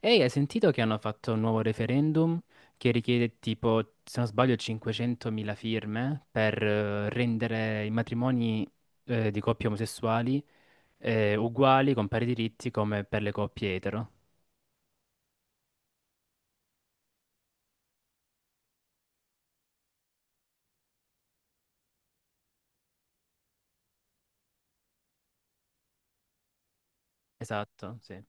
Ehi, hai sentito che hanno fatto un nuovo referendum che richiede tipo, se non sbaglio, 500.000 firme per rendere i matrimoni di coppie omosessuali uguali, con pari diritti come per le coppie etero? Esatto, sì.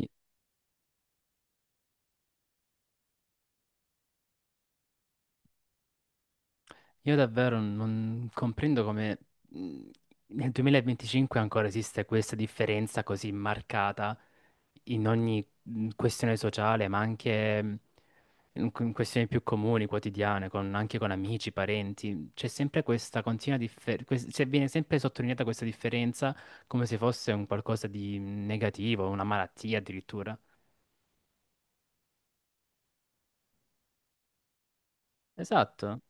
I- Io davvero non comprendo come mh, nel 2025 ancora esiste questa differenza così marcata in ogni questione sociale, ma anche in questioni più comuni, quotidiane, anche con amici, parenti, c'è sempre questa continua differenza, viene sempre sottolineata questa differenza come se fosse un qualcosa di negativo, una malattia addirittura. Esatto,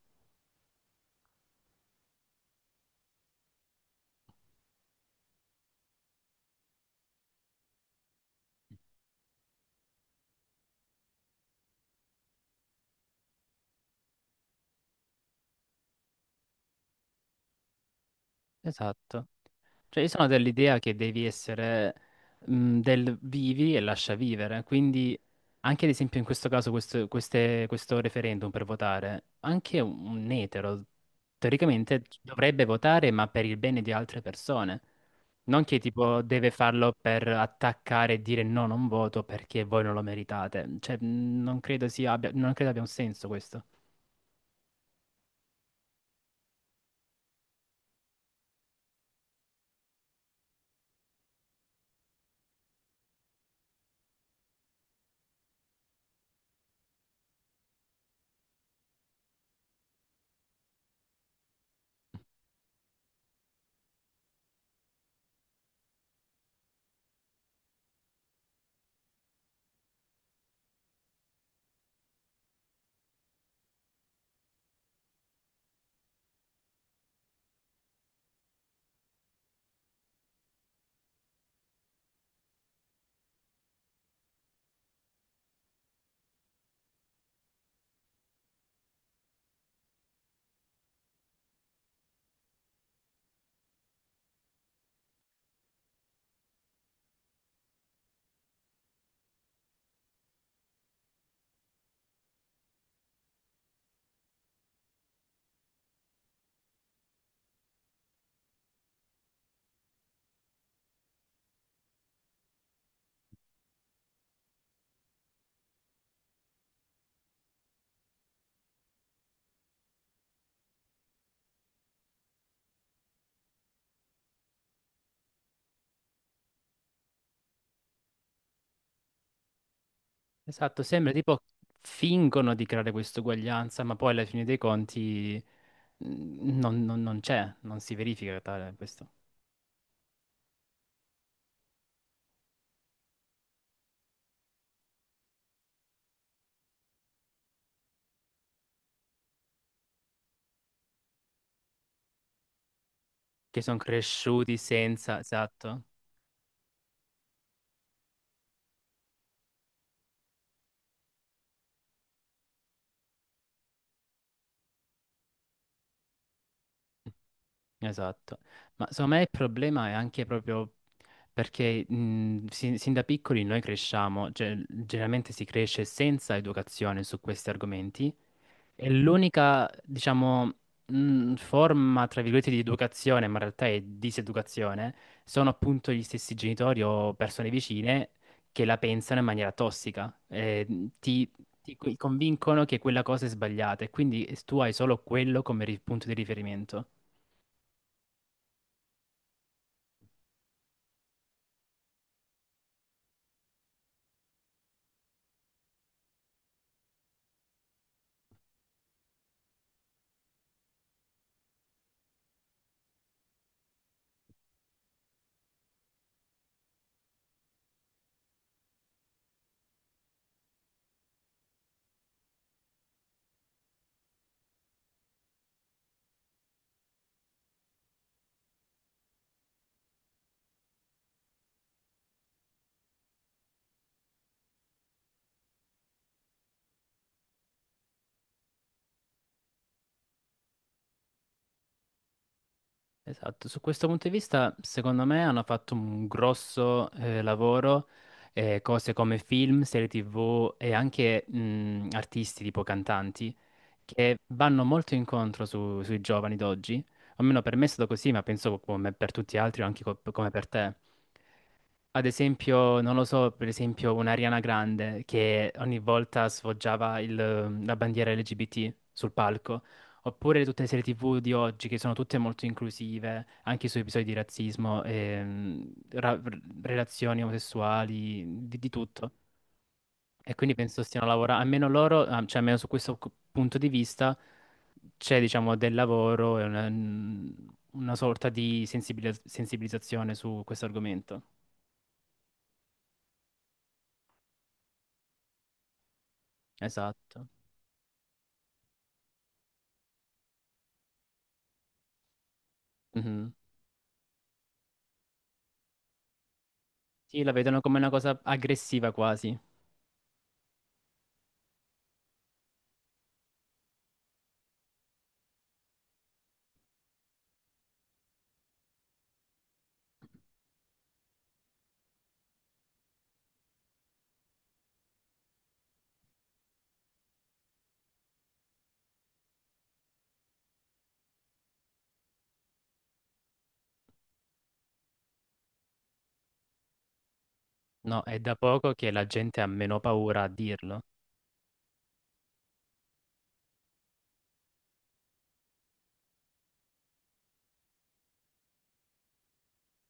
esatto. Cioè, io sono dell'idea che devi essere del vivi e lascia vivere, quindi anche ad esempio in questo caso questo referendum per votare, anche un etero teoricamente dovrebbe votare ma per il bene di altre persone, non che tipo deve farlo per attaccare e dire no, non voto perché voi non lo meritate, cioè non credo sia abbia, non credo abbia un senso questo. Esatto, sembra tipo fingono di creare questa uguaglianza, ma poi alla fine dei conti... Mm, non, non c'è, non si verifica tale questo. Che sono cresciuti senza... Esatto, esatto. Ma secondo me il problema è anche proprio perché sin da piccoli noi cresciamo, cioè, generalmente si cresce senza educazione su questi argomenti. È l'unica, diciamo, forma, tra virgolette, di educazione, ma in realtà è diseducazione, sono appunto gli stessi genitori o persone vicine che la pensano in maniera tossica, ti, convincono che quella cosa è sbagliata e quindi tu hai solo quello come punto di riferimento. Esatto, su questo punto di vista, secondo me, hanno fatto un grosso lavoro, cose come film, serie TV e anche artisti tipo cantanti che vanno molto incontro sui giovani d'oggi, almeno per me è stato così, ma penso come per tutti gli altri, o anche come per te. Ad esempio, non lo so, per esempio un'Ariana Grande che ogni volta sfoggiava la bandiera LGBT sul palco, oppure tutte le serie TV di oggi che sono tutte molto inclusive, anche su episodi di razzismo, relazioni omosessuali, di tutto. E quindi penso stiano lavorando, almeno loro, ah, cioè almeno su questo punto di vista, c'è diciamo del lavoro e una sorta di sensibilizzazione su questo argomento. Esatto. Mhm. Sì, la vedono come una cosa aggressiva quasi. No, è da poco che la gente ha meno paura a dirlo.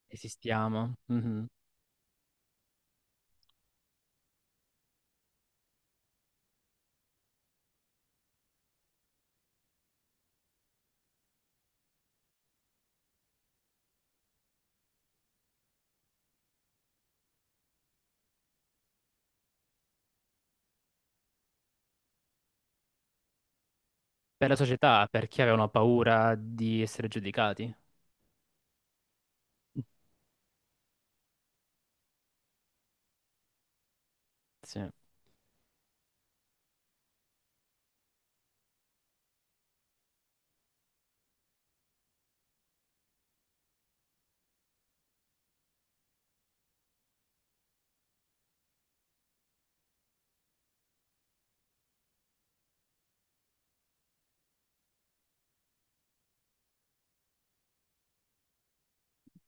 Esistiamo. Mhm. Per la società, perché avevano paura di essere giudicati. Sì.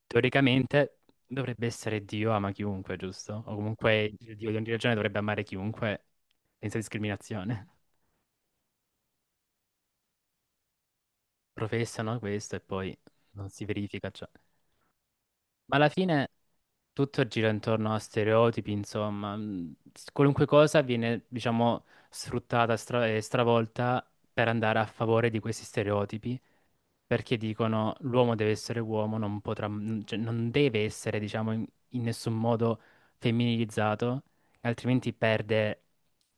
Teoricamente dovrebbe essere Dio ama chiunque, giusto? O comunque il Dio di ogni religione dovrebbe amare chiunque senza discriminazione. Professano questo e poi non si verifica ciò. Ma alla fine tutto gira intorno a stereotipi, insomma. Qualunque cosa viene, diciamo, sfruttata stra- e stravolta per andare a favore di questi stereotipi perché dicono l'uomo deve essere uomo, non potrà, cioè, non deve essere, diciamo, in nessun modo femminilizzato, altrimenti perde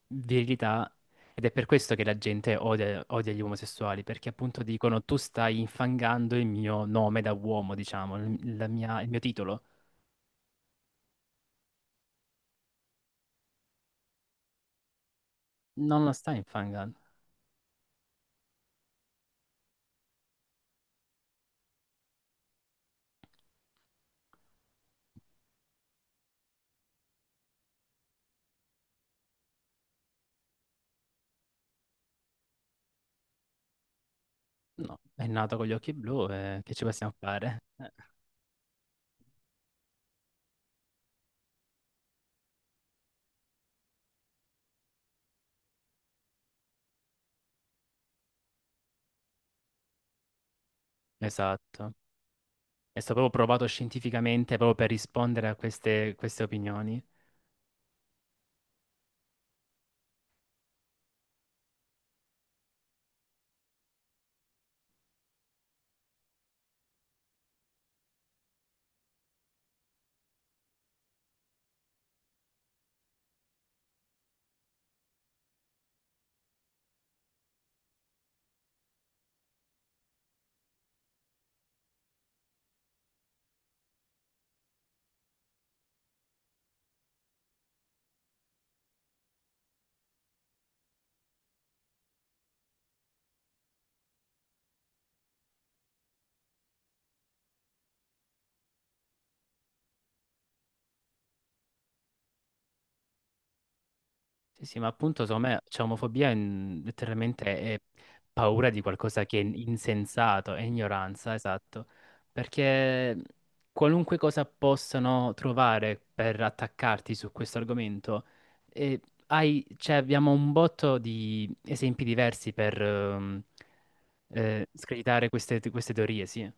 virilità ed è per questo che la gente odia, odia gli omosessuali, perché appunto dicono tu stai infangando il mio nome da uomo, diciamo, il mio titolo. Non lo stai infangando. No, è nato con gli occhi blu, che ci possiamo fare? Esatto. È stato proprio provato scientificamente proprio per rispondere a queste opinioni. Sì, sì, ma appunto secondo me c'è omofobia letteralmente è paura di qualcosa che è insensato, è ignoranza, esatto, perché qualunque cosa possano trovare per attaccarti su questo argomento, eh, cioè, abbiamo un botto di esempi diversi per screditare queste teorie, sì. Ad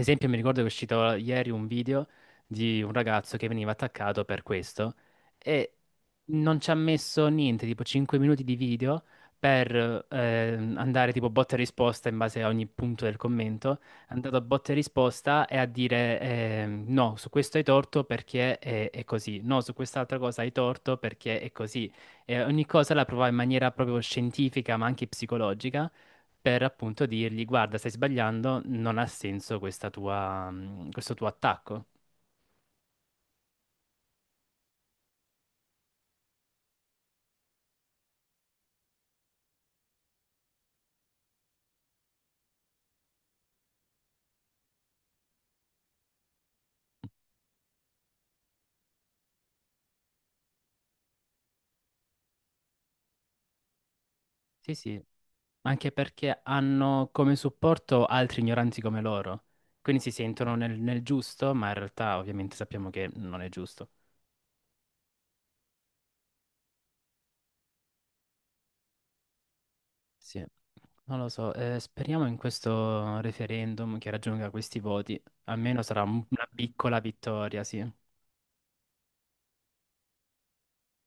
esempio, mi ricordo che è uscito ieri un video di un ragazzo che veniva attaccato per questo e non ci ha messo niente, tipo 5 minuti di video per andare tipo botta e risposta in base a ogni punto del commento. È andato a botta e risposta e a dire no, su questo hai torto perché è così, no, su quest'altra cosa hai torto perché è così. E ogni cosa la provava in maniera proprio scientifica ma anche psicologica per appunto dirgli: Guarda, stai sbagliando, non ha senso questa tua, questo tuo attacco. Sì, sì, anche perché hanno come supporto altri ignoranti come loro. Quindi si sentono nel giusto, ma in realtà ovviamente sappiamo che non è giusto. Sì, non lo so. Speriamo in questo referendum che raggiunga questi voti. Almeno sarà una piccola vittoria, sì.